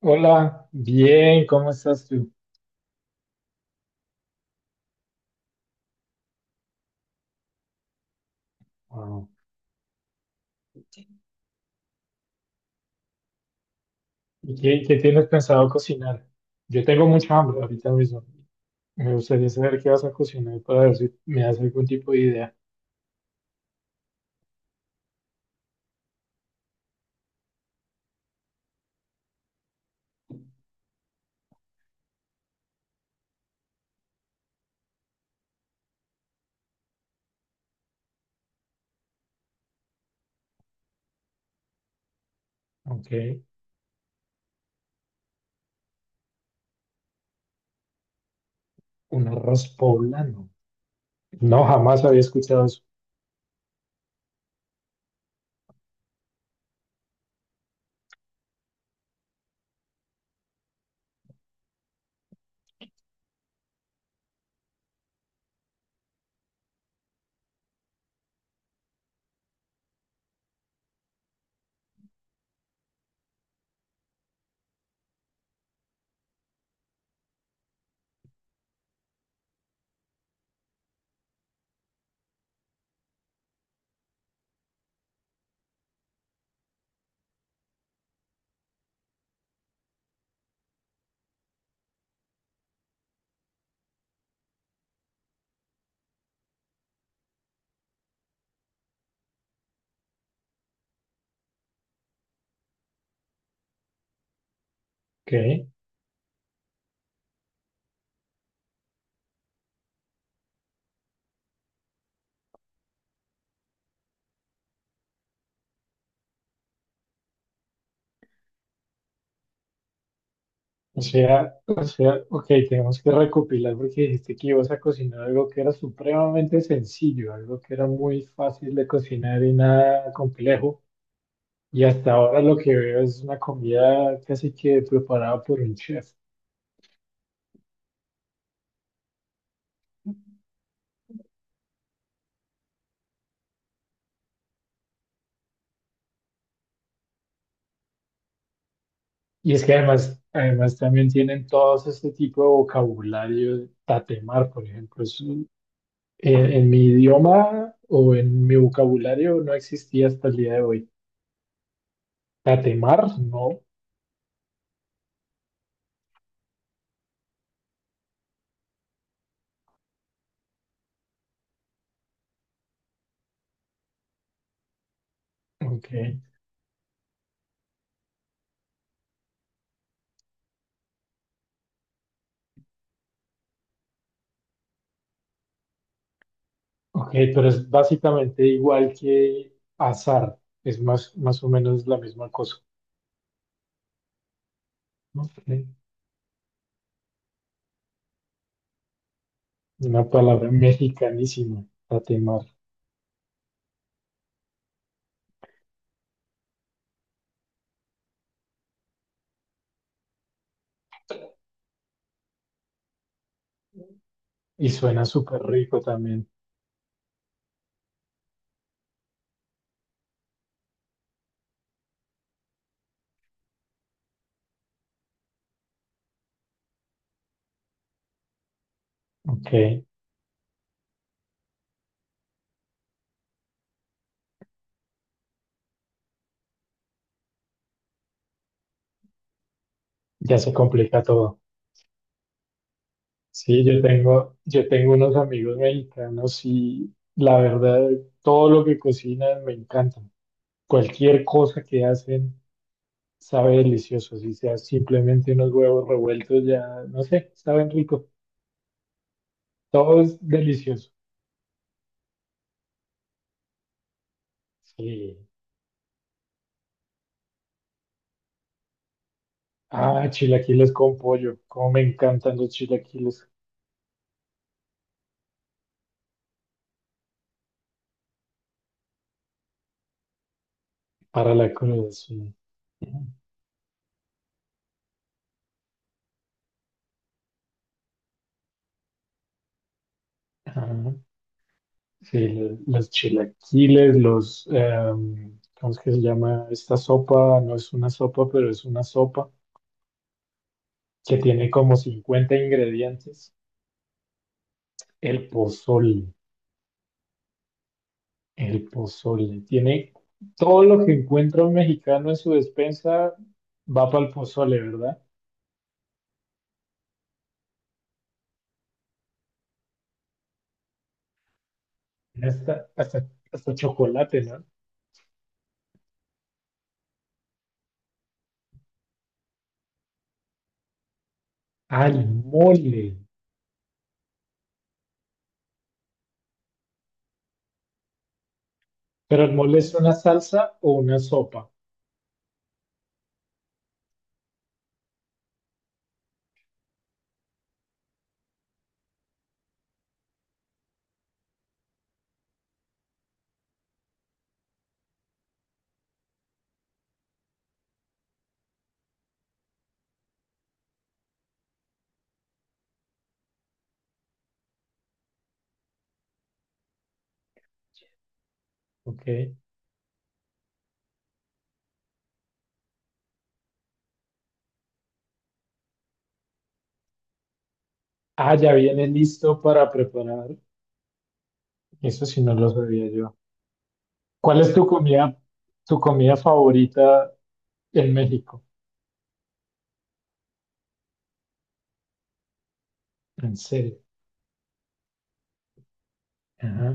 Hola, bien, ¿cómo estás tú? Ah, ¿Y qué tienes pensado cocinar? Yo tengo mucha hambre ahorita mismo. Me gustaría saber qué vas a cocinar para ver si me das algún tipo de idea. Ok, un arroz poblano. No, jamás había escuchado eso. Ok, o sea, ok, tenemos que recopilar porque dijiste que ibas a cocinar algo que era supremamente sencillo, algo que era muy fácil de cocinar y nada complejo. Y hasta ahora lo que veo es una comida casi que preparada por un chef. Y es que además también tienen todos este tipo de vocabulario, tatemar, por ejemplo. En mi idioma o en mi vocabulario no existía hasta el día de hoy. Tatemar, no. Ok, ok, pero es básicamente igual que azar. Es más o menos la misma cosa. ¿No? Ok. Una palabra mexicanísima, tatemar. Y suena súper rico también. Ok, ya se complica todo. Sí, yo tengo unos amigos mexicanos y la verdad, todo lo que cocinan me encanta. Cualquier cosa que hacen sabe delicioso, si sea simplemente unos huevos revueltos, ya, no sé, saben rico. Todo es delicioso. Sí. Ah, chilaquiles con pollo. Cómo me encantan los chilaquiles para la cruda, sí. Ah, sí, los chilaquiles, ¿cómo es que se llama? Esta sopa, no es una sopa, pero es una sopa que tiene como 50 ingredientes. El pozole, el pozole, tiene todo lo que encuentra un mexicano en su despensa, va para el pozole, ¿verdad? Tiene hasta chocolate, ¿no? Al mole, pero el mole es una salsa o una sopa, ¿ok? Ah, ya viene listo para preparar. Eso sí no lo sabía yo. ¿Cuál es tu comida favorita en México? ¿En serio? Ajá,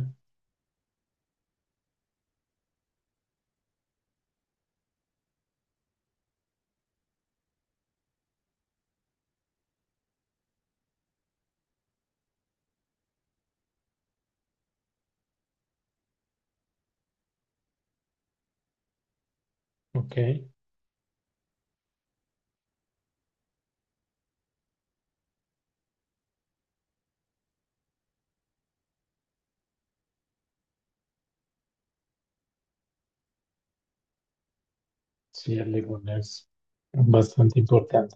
ok. Sí, el limón es bastante importante.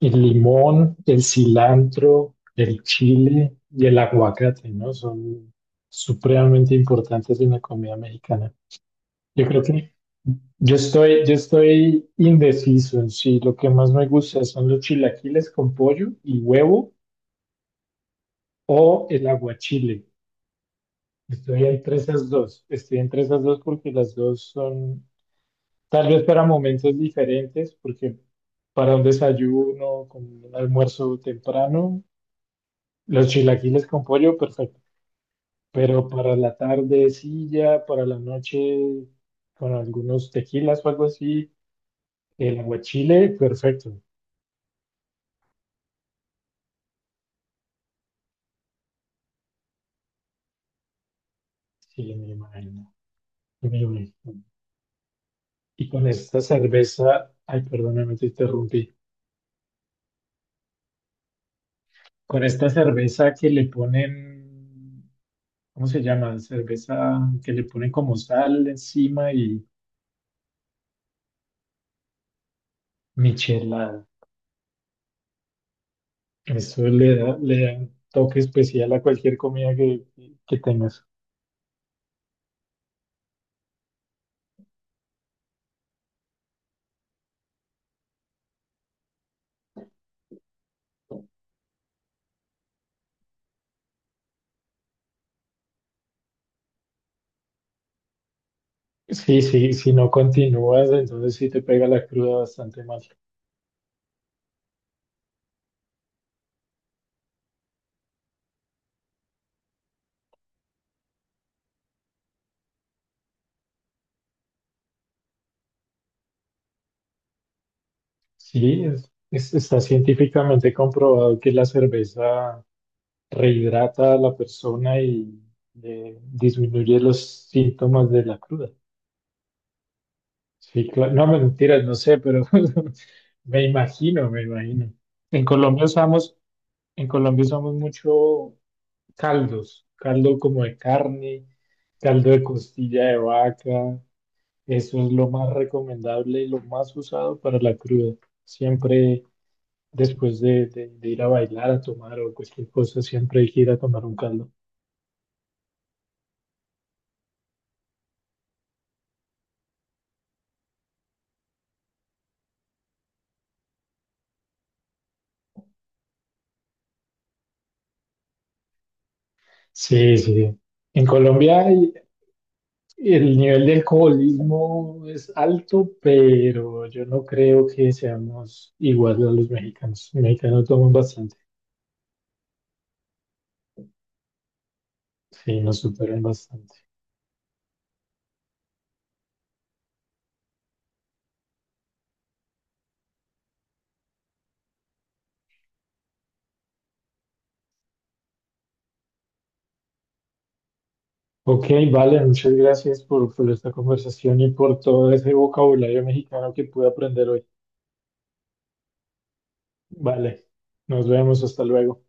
El limón, el cilantro, el chile y el aguacate, ¿no? Son supremamente importantes en la comida mexicana. Yo creo que yo estoy indeciso en si lo que más me gusta son los chilaquiles con pollo y huevo o el aguachile. Estoy entre esas dos porque las dos son, tal vez para momentos diferentes, porque para un desayuno, con un almuerzo temprano, los chilaquiles con pollo, perfecto. Pero para la tardecilla, para la noche, con algunos tequilas o algo así, el aguachile, perfecto. Sí, me imagino. Me imagino. Y con esta cerveza, ay, perdóname, te interrumpí. Con esta cerveza que le ponen ¿cómo se llama? Cerveza que le ponen como sal encima y michelada. Le da un toque especial a cualquier que tengas. Sí, sí, si no continúas, entonces sí te pega la cruda bastante mal. Sí, está científicamente comprobado que la cerveza rehidrata a la persona y disminuye los síntomas de la cruda. Sí, claro. No, mentiras, no sé, pero me imagino. En Colombia usamos, en Colombia usamos mucho caldos, caldo como de carne, caldo de costilla de vaca. Eso es lo más recomendable y lo más usado para la cruda. Siempre después de, de ir a bailar, a tomar o cualquier cosa, siempre hay que ir a tomar un caldo. Sí, sí. En Colombia hay El nivel de alcoholismo es alto, pero yo no creo que seamos iguales a los mexicanos. Los mexicanos toman bastante, sí, nos superan bastante. Ok, vale, muchas gracias por esta conversación y por todo ese vocabulario mexicano que pude aprender hoy. Vale, nos vemos, hasta luego.